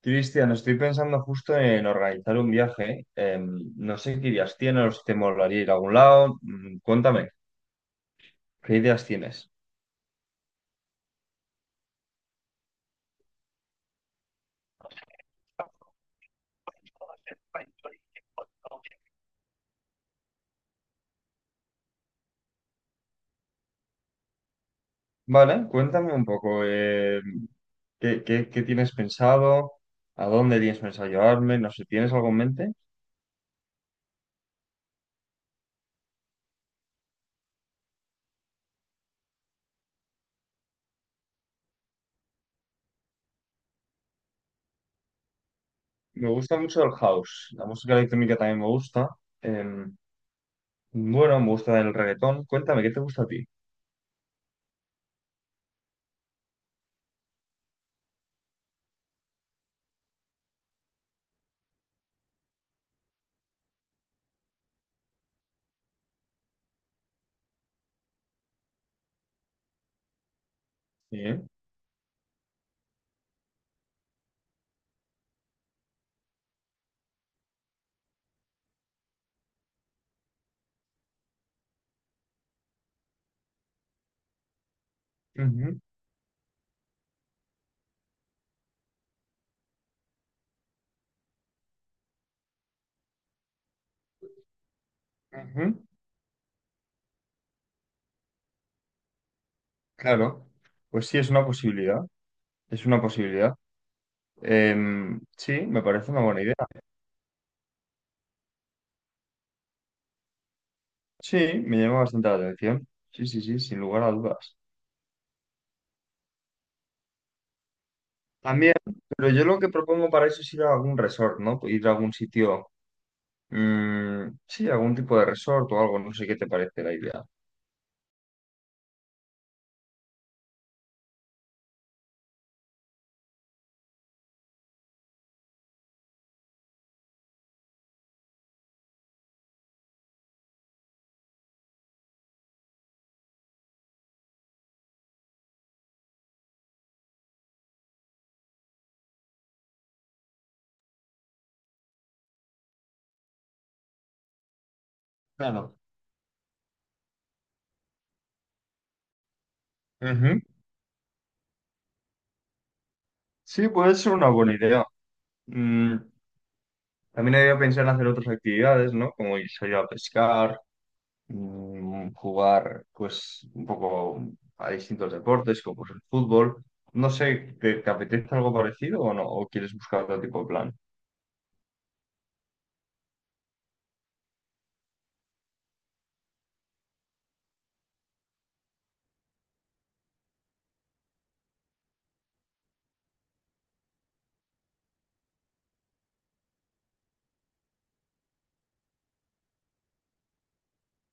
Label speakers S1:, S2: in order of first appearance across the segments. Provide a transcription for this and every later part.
S1: Cristian, estoy pensando justo en organizar un viaje. No sé qué ideas tienes o si te molaría ir a algún lado. Mm, cuéntame, ¿qué ideas tienes? Vale, cuéntame un poco. ¿Qué tienes pensado? ¿A dónde tienes pensado llevarme? No sé, ¿tienes algo en mente? Me gusta mucho el house. La música electrónica también me gusta. Em, bueno, me gusta el reggaetón. Cuéntame, ¿qué te gusta a ti? Sí. Ujú. Ujú. Claro. Pues sí, es una posibilidad. Es una posibilidad. Sí, me parece una buena idea. Sí, me llama bastante la atención. Sí, sí, sí, sin lugar a dudas. También, pero yo lo que propongo para eso es ir a algún resort, ¿no? Ir a algún sitio, mm, sí, algún tipo de resort o algo, no sé qué te parece la idea. Claro. Ujú. Sí, puede ser una buena idea. Mm, También había pensado en hacer otras actividades, ¿no? Como ir a pescar, jugar pues un poco a distintos deportes, como pues, el fútbol. No sé, ¿te apetece algo parecido o no? ¿O quieres buscar otro tipo de plan?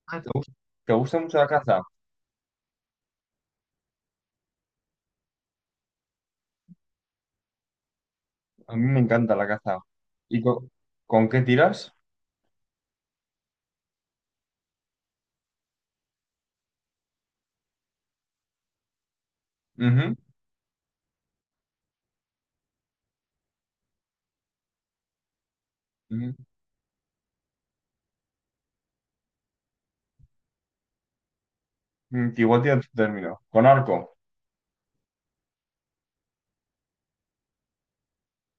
S1: Ah, ¿te gusta mucho la caza? A mí me encanta la caza. ¿Y co- ¿Con qué tiras? Ujú. Ujú. Mm, igual tienes tu término. ¿Con arco?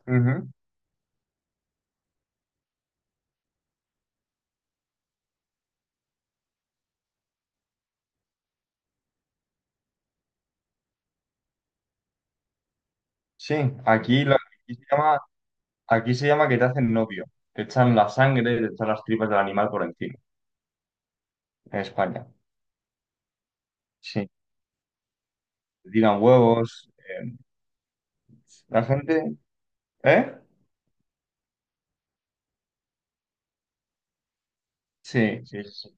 S1: Ujú. Sí, aquí, lo- aquí se llama, aquí se llama que te hacen novio. Te echan la sangre, te echan las tripas del animal por encima, en España. Sí, te tiran huevos. La gente. ¿Eh? Sí, sí, sí.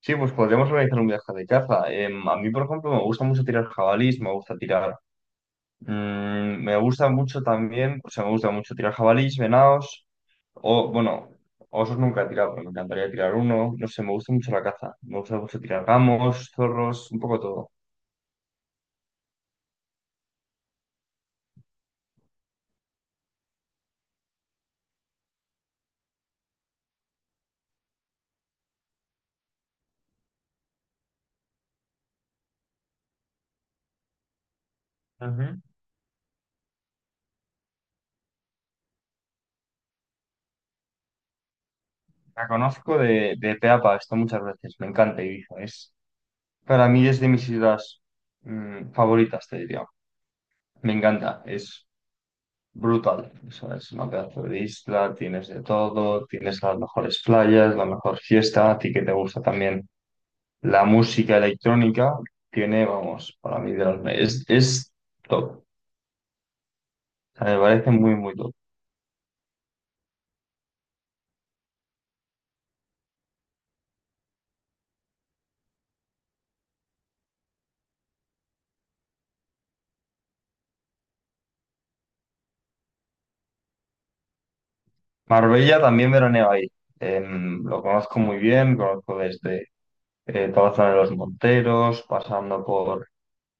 S1: Sí, pues podríamos organizar un viaje de caza. A mí, por ejemplo, me gusta mucho tirar jabalís, me gusta tirar. Me gusta mucho también, o sea, me gusta mucho tirar jabalís, venados, o bueno, osos nunca he tirado, pero me encantaría tirar uno. No sé, me gusta mucho la caza. Me gusta mucho tirar gamos, zorros, un poco todo. Ujú. La conozco de pe a pa, he estado muchas veces, me encanta Ibiza. Es, para mí es de mis ciudades mm, favoritas, te diría. Me encanta, es brutal, o sea, es una pedazo de isla, tienes de todo, tienes las mejores playas, la mejor fiesta, a ti que te gusta también la música electrónica, tiene, vamos, para mí de es top, o sea, me parece muy, muy top. Marbella también veraneo ahí. Lo conozco muy bien, conozco desde toda la zona de los Monteros, pasando por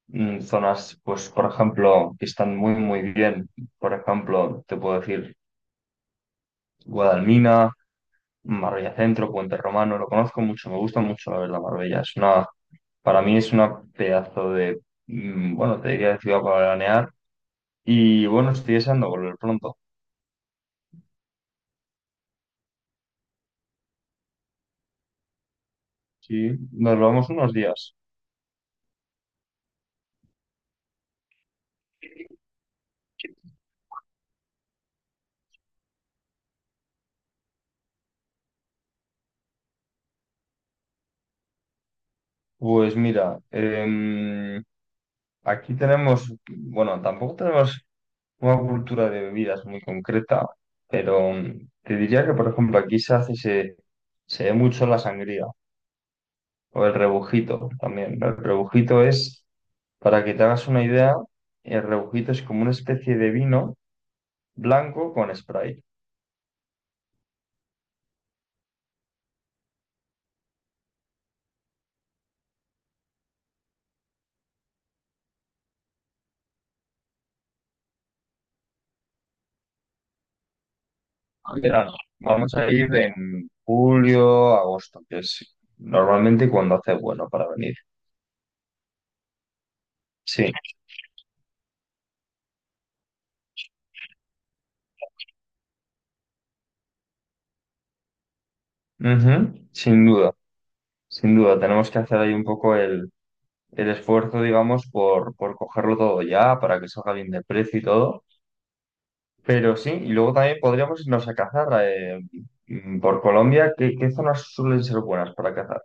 S1: mm, zonas, pues, por ejemplo, que están muy, muy bien, por ejemplo, te puedo decir... Guadalmina, Marbella Centro, Puente Romano, lo conozco mucho, me gusta mucho la verdad Marbella. Es una, para mí es una pedazo de, mm, bueno, te diría de ciudad para veranear. Y bueno, estoy deseando volver pronto. Sí, nos vamos unos días. Pues mira, aquí tenemos, bueno, tampoco tenemos una cultura de bebidas muy concreta, pero mm, te diría que, por ejemplo, aquí se hace, se ve mucho la sangría o el rebujito también. El rebujito es... Para que te hagas una idea, el rebujito es como una especie de vino blanco con Sprite. Verano. Vamos a ir en julio, agosto, que es normalmente cuando hace bueno para venir. Sí. Ujú. Sin duda, sin duda. Tenemos que hacer ahí un poco el esfuerzo, digamos, por cogerlo todo ya, para que salga bien de precio y todo. Pero sí, y luego también podríamos irnos a cazar por Colombia. ¿Qué zonas suelen ser buenas para cazar?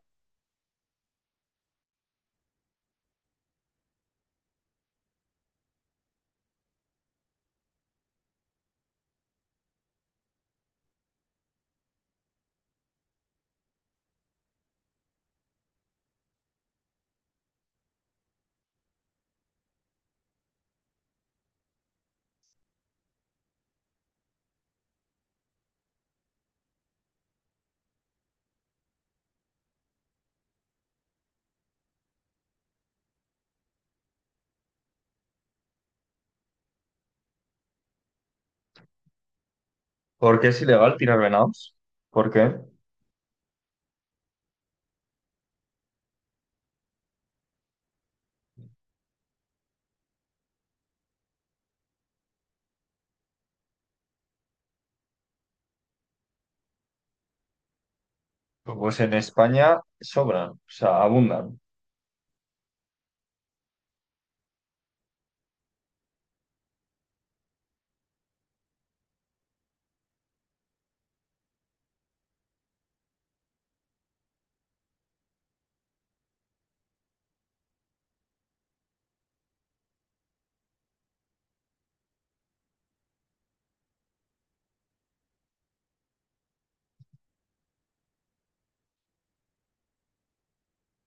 S1: ¿Por qué es ilegal tirar venados? ¿Por qué? Pues en España sobran, o sea, abundan.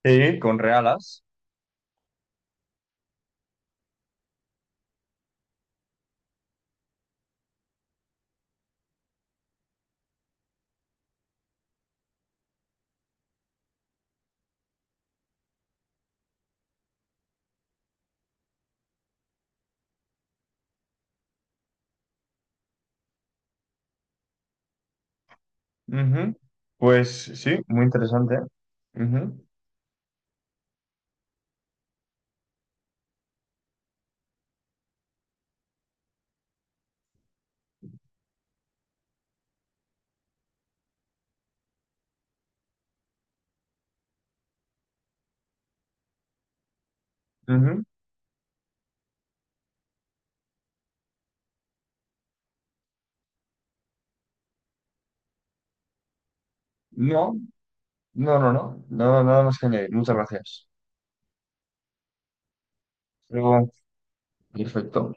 S1: Sí, con realas. Ujú. Pues sí, muy interesante. Ujú. Ujú. No, no. No, nada más que añadir. Muchas gracias. Luego, perfecto.